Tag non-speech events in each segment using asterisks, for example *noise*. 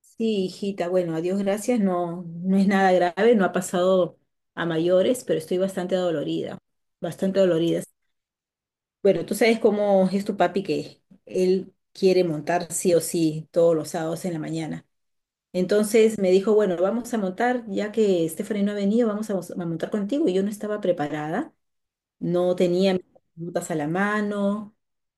Sí, hijita, bueno, a Dios gracias, no, no es nada grave, no ha pasado a mayores, pero estoy bastante dolorida, bastante dolorida. Bueno, tú sabes cómo es tu papi que él quiere montar sí o sí todos los sábados en la mañana. Entonces me dijo, bueno, vamos a montar, ya que Stephanie no ha venido, vamos a montar contigo y yo no estaba preparada, no tenía mis botas a la mano,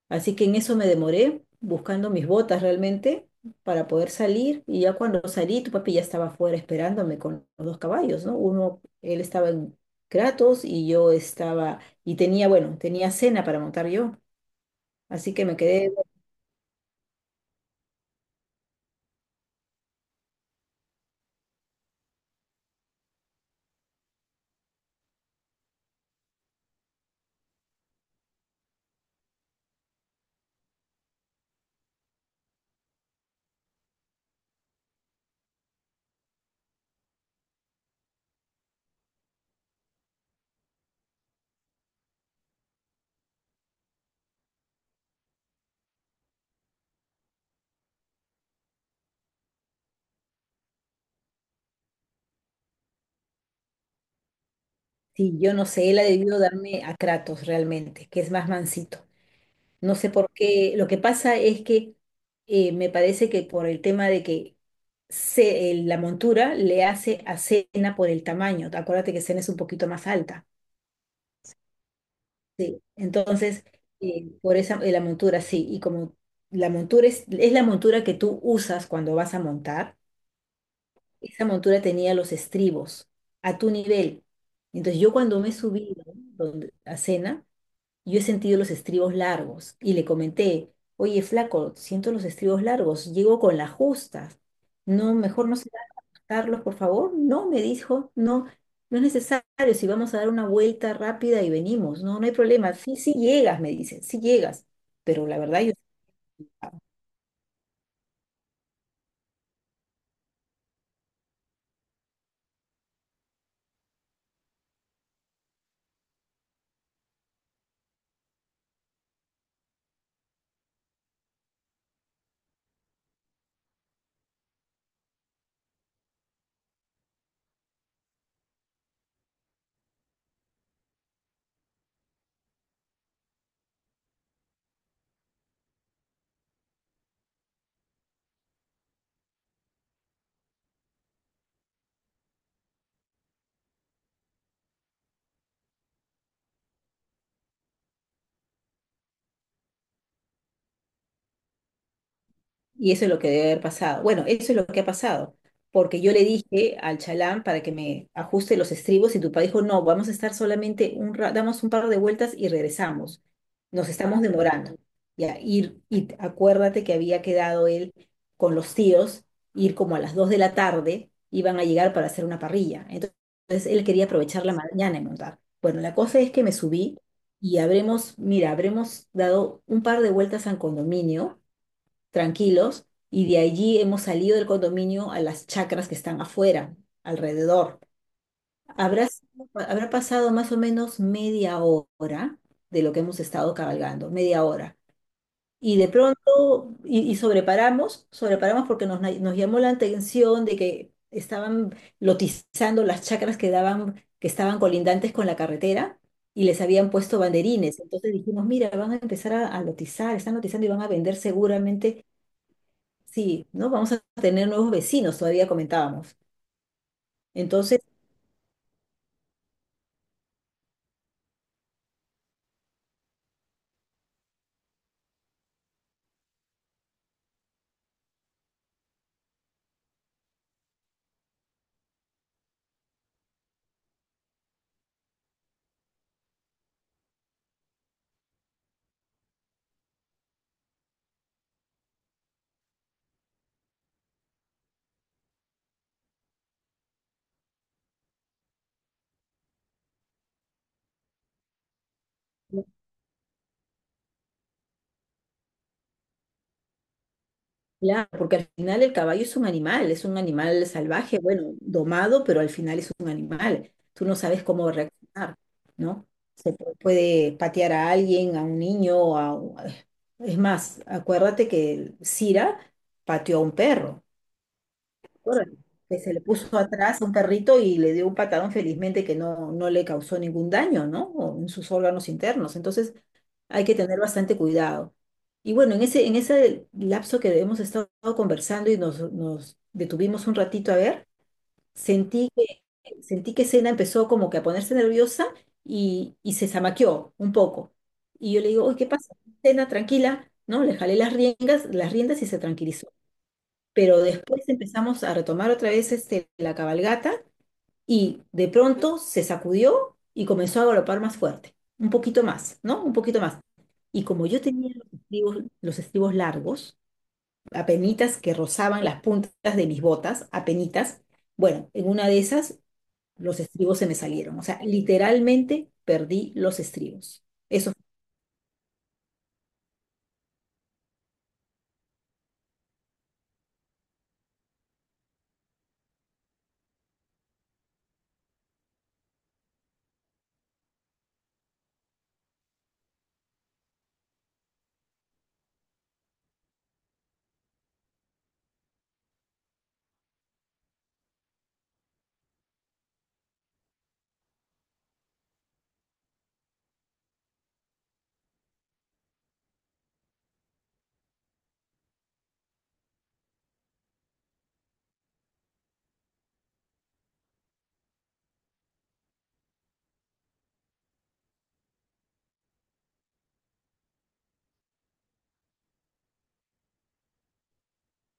así que en eso me demoré buscando mis botas realmente para poder salir y ya cuando salí tu papi ya estaba afuera esperándome con los dos caballos, ¿no? Uno, él estaba en Kratos y yo estaba, y tenía, bueno, tenía cena para montar yo, así que me quedé. Sí, yo no sé, él ha debido darme a Kratos realmente, que es más mansito. No sé por qué. Lo que pasa es que me parece que por el tema de que la montura le hace a Cena por el tamaño. Acuérdate que Cena es un poquito más alta. Sí. Entonces, por esa la montura, sí. Y como la montura es la montura que tú usas cuando vas a montar, esa montura tenía los estribos a tu nivel. Entonces, yo cuando me subí, ¿no? A Cena, yo he sentido los estribos largos y le comenté, oye, flaco, siento los estribos largos, llego con las justas. No, mejor no se da Carlos, por favor. No, me dijo, no, no es necesario. Si vamos a dar una vuelta rápida y venimos, no, no hay problema. Sí, sí llegas, me dice, sí llegas. Pero la verdad, yo... Y eso es lo que debe haber pasado. Bueno, eso es lo que ha pasado, porque yo le dije al chalán para que me ajuste los estribos y tu papá dijo, no, vamos a estar solamente un rato, damos un par de vueltas y regresamos. Nos estamos demorando. Ya, ir, y acuérdate que había quedado él con los tíos, ir como a las 2 de la tarde, iban a llegar para hacer una parrilla. Entonces él quería aprovechar la mañana y montar. Bueno, la cosa es que me subí y habremos, mira, habremos dado un par de vueltas al condominio tranquilos, y de allí hemos salido del condominio a las chacras que están afuera, alrededor. Habrá pasado más o menos media hora de lo que hemos estado cabalgando, media hora. Y de pronto, y sobreparamos, sobreparamos porque nos llamó la atención de que estaban lotizando las chacras que daban, que estaban colindantes con la carretera y les habían puesto banderines. Entonces dijimos, mira, van a empezar a lotizar, están lotizando y van a vender seguramente. Sí, ¿no? Vamos a tener nuevos vecinos, todavía comentábamos. Entonces, claro, porque al final el caballo es un animal salvaje, bueno, domado, pero al final es un animal. Tú no sabes cómo reaccionar, ¿no? Puede patear a alguien, a un niño, a... Es más, acuérdate que Cira pateó a un perro, acuérdate, que se le puso atrás a un perrito y le dio un patadón, felizmente que no, no le causó ningún daño, ¿no? O en sus órganos internos. Entonces, hay que tener bastante cuidado. Y bueno, en ese lapso que hemos estado conversando y nos detuvimos un ratito a ver, sentí que, sentí que Sena empezó como que a ponerse nerviosa y se zamaqueó un poco. Y yo le digo, uy, ¿qué pasa? Sena, tranquila, ¿no? Le jalé las riendas y se tranquilizó. Pero después empezamos a retomar otra vez este, la cabalgata y de pronto se sacudió y comenzó a galopar más fuerte, un poquito más, ¿no? Un poquito más. Y como yo tenía los estribos largos, apenitas que rozaban las puntas de mis botas, apenitas, bueno, en una de esas los estribos se me salieron. O sea, literalmente perdí los estribos. Eso...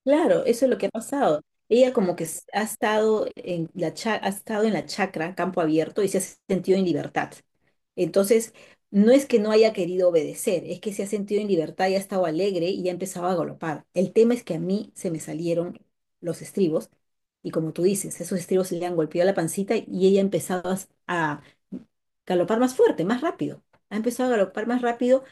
Claro, eso es lo que ha pasado. Ella como que ha estado en la ha estado en la chacra, campo abierto, y se ha sentido en libertad. Entonces, no es que no haya querido obedecer, es que se ha sentido en libertad y ha estado alegre y ya empezaba a galopar. El tema es que a mí se me salieron los estribos, y como tú dices, esos estribos le han golpeado la pancita y ella empezaba a galopar más fuerte, más rápido. Ha empezado a galopar más rápido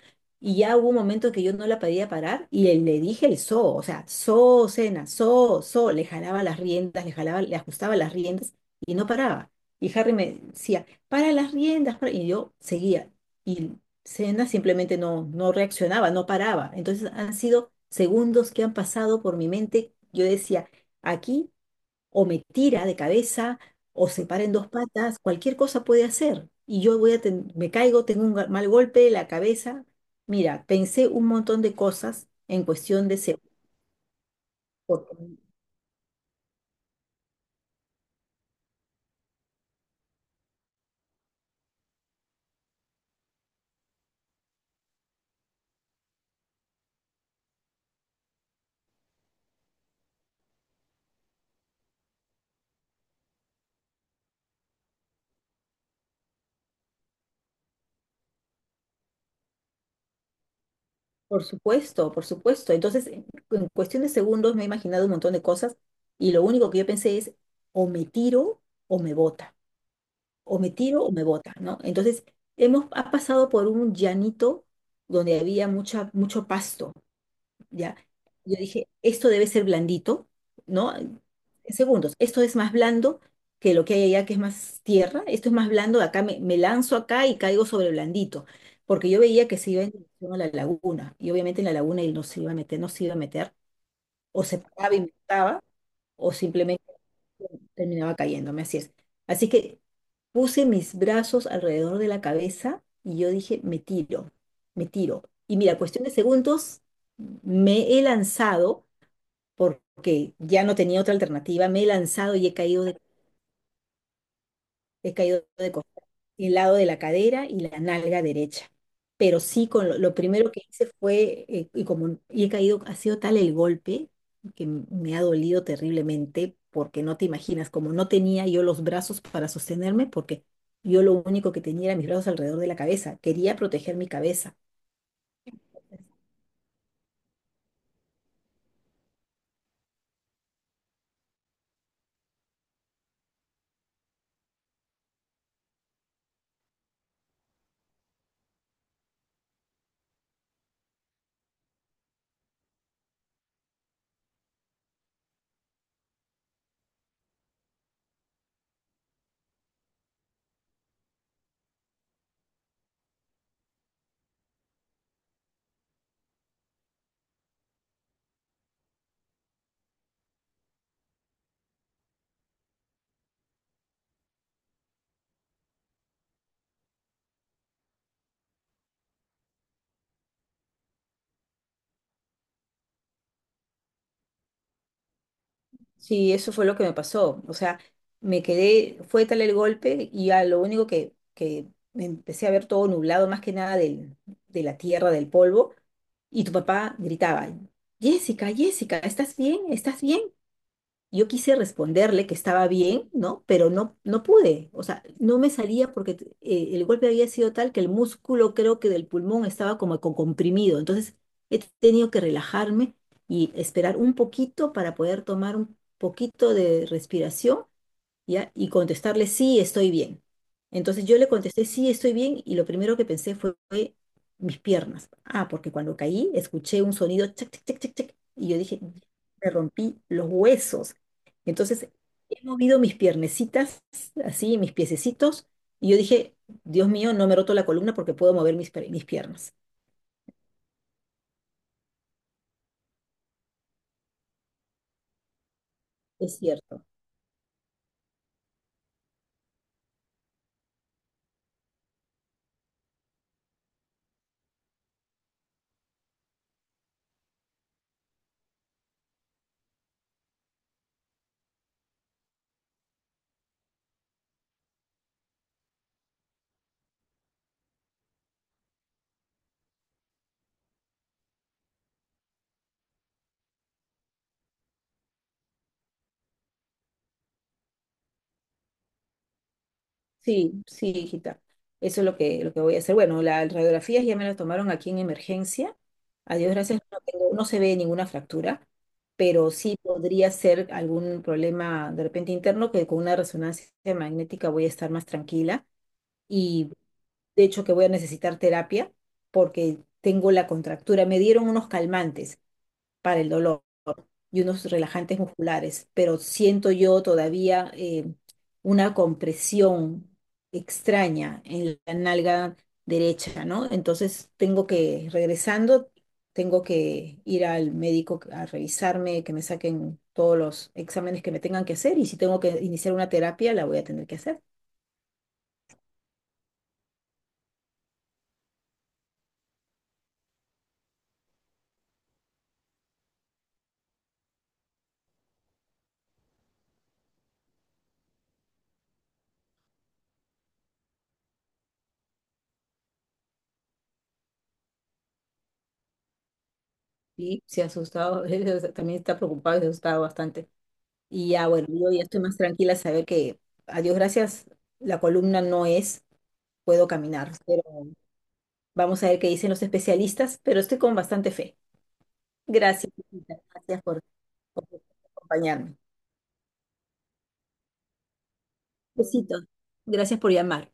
y ya hubo un momento que yo no la podía parar y le dije el so, o sea, so, cena, so, so, le jalaba las riendas, le jalaba, le ajustaba las riendas y no paraba. Y Harry me decía, para las riendas, para-". Y yo seguía. Y cena simplemente no, no reaccionaba, no paraba. Entonces han sido segundos que han pasado por mi mente. Yo decía, aquí o me tira de cabeza, o se para en dos patas, cualquier cosa puede hacer. Y yo voy a me caigo, tengo un mal golpe de la cabeza. Mira, pensé un montón de cosas en cuestión de segundos. Por, por supuesto, por supuesto. Entonces, en cuestión de segundos me he imaginado un montón de cosas y lo único que yo pensé es, o me tiro o me bota, o me tiro o me bota, ¿no? Entonces, hemos ha pasado por un llanito donde había mucha, mucho pasto. Ya. Yo dije, esto debe ser blandito, ¿no? En segundos, esto es más blando que lo que hay allá, que es más tierra. Esto es más blando, acá me lanzo acá y caigo sobre blandito, porque yo veía que se iba en dirección a la laguna, y obviamente en la laguna él no se iba a meter, no se iba a meter, o se paraba y me mataba, o simplemente terminaba cayéndome, así es. Así que puse mis brazos alrededor de la cabeza y yo dije, me tiro, me tiro. Y mira, cuestión de segundos, me he lanzado porque ya no tenía otra alternativa, me he lanzado y he caído de el lado de la cadera y la nalga derecha. Pero sí, con lo primero que hice fue, y como y he caído, ha sido tal el golpe que me ha dolido terriblemente, porque no te imaginas, como no tenía yo los brazos para sostenerme, porque yo lo único que tenía era mis brazos alrededor de la cabeza, quería proteger mi cabeza. Sí, eso fue lo que me pasó. O sea, me quedé, fue tal el golpe y ya lo único que me empecé a ver todo nublado, más que nada de la tierra, del polvo, y tu papá gritaba, Jessica, Jessica, ¿estás bien? ¿Estás bien? Yo quise responderle que estaba bien, ¿no? Pero no, no pude, o sea, no me salía porque el golpe había sido tal que el músculo, creo que del pulmón, estaba como con comprimido. Entonces he tenido que relajarme y esperar un poquito para poder tomar un poquito de respiración, ¿ya? Y contestarle, sí, estoy bien. Entonces yo le contesté, sí, estoy bien, y lo primero que pensé fue mis piernas. Ah, porque cuando caí escuché un sonido, chac, chac, chac, chac, chac, y yo dije, me rompí los huesos. Entonces he movido mis piernecitas, así, mis piececitos, y yo dije, Dios mío, no me he roto la columna porque puedo mover mis piernas. Es cierto. Sí, sí, hijita. Eso es lo lo que voy a hacer. Bueno, las radiografías ya me las tomaron aquí en emergencia. A Dios gracias, no se ve ninguna fractura, pero sí podría ser algún problema de repente interno que con una resonancia magnética voy a estar más tranquila y de hecho que voy a necesitar terapia porque tengo la contractura. Me dieron unos calmantes para el dolor y unos relajantes musculares, pero siento yo todavía una compresión extraña en la nalga derecha, ¿no? Entonces tengo que, regresando, tengo que ir al médico a revisarme, que me saquen todos los exámenes que me tengan que hacer y si tengo que iniciar una terapia, la voy a tener que hacer. Y se ha asustado, *laughs* él también está preocupado y se ha asustado bastante. Y ya, bueno, yo ya estoy más tranquila saber que, a Dios gracias, la columna no es. Puedo caminar, pero vamos a ver qué dicen los especialistas, pero estoy con bastante fe. Gracias, Lupita, gracias por acompañarme. Besitos, gracias por llamar.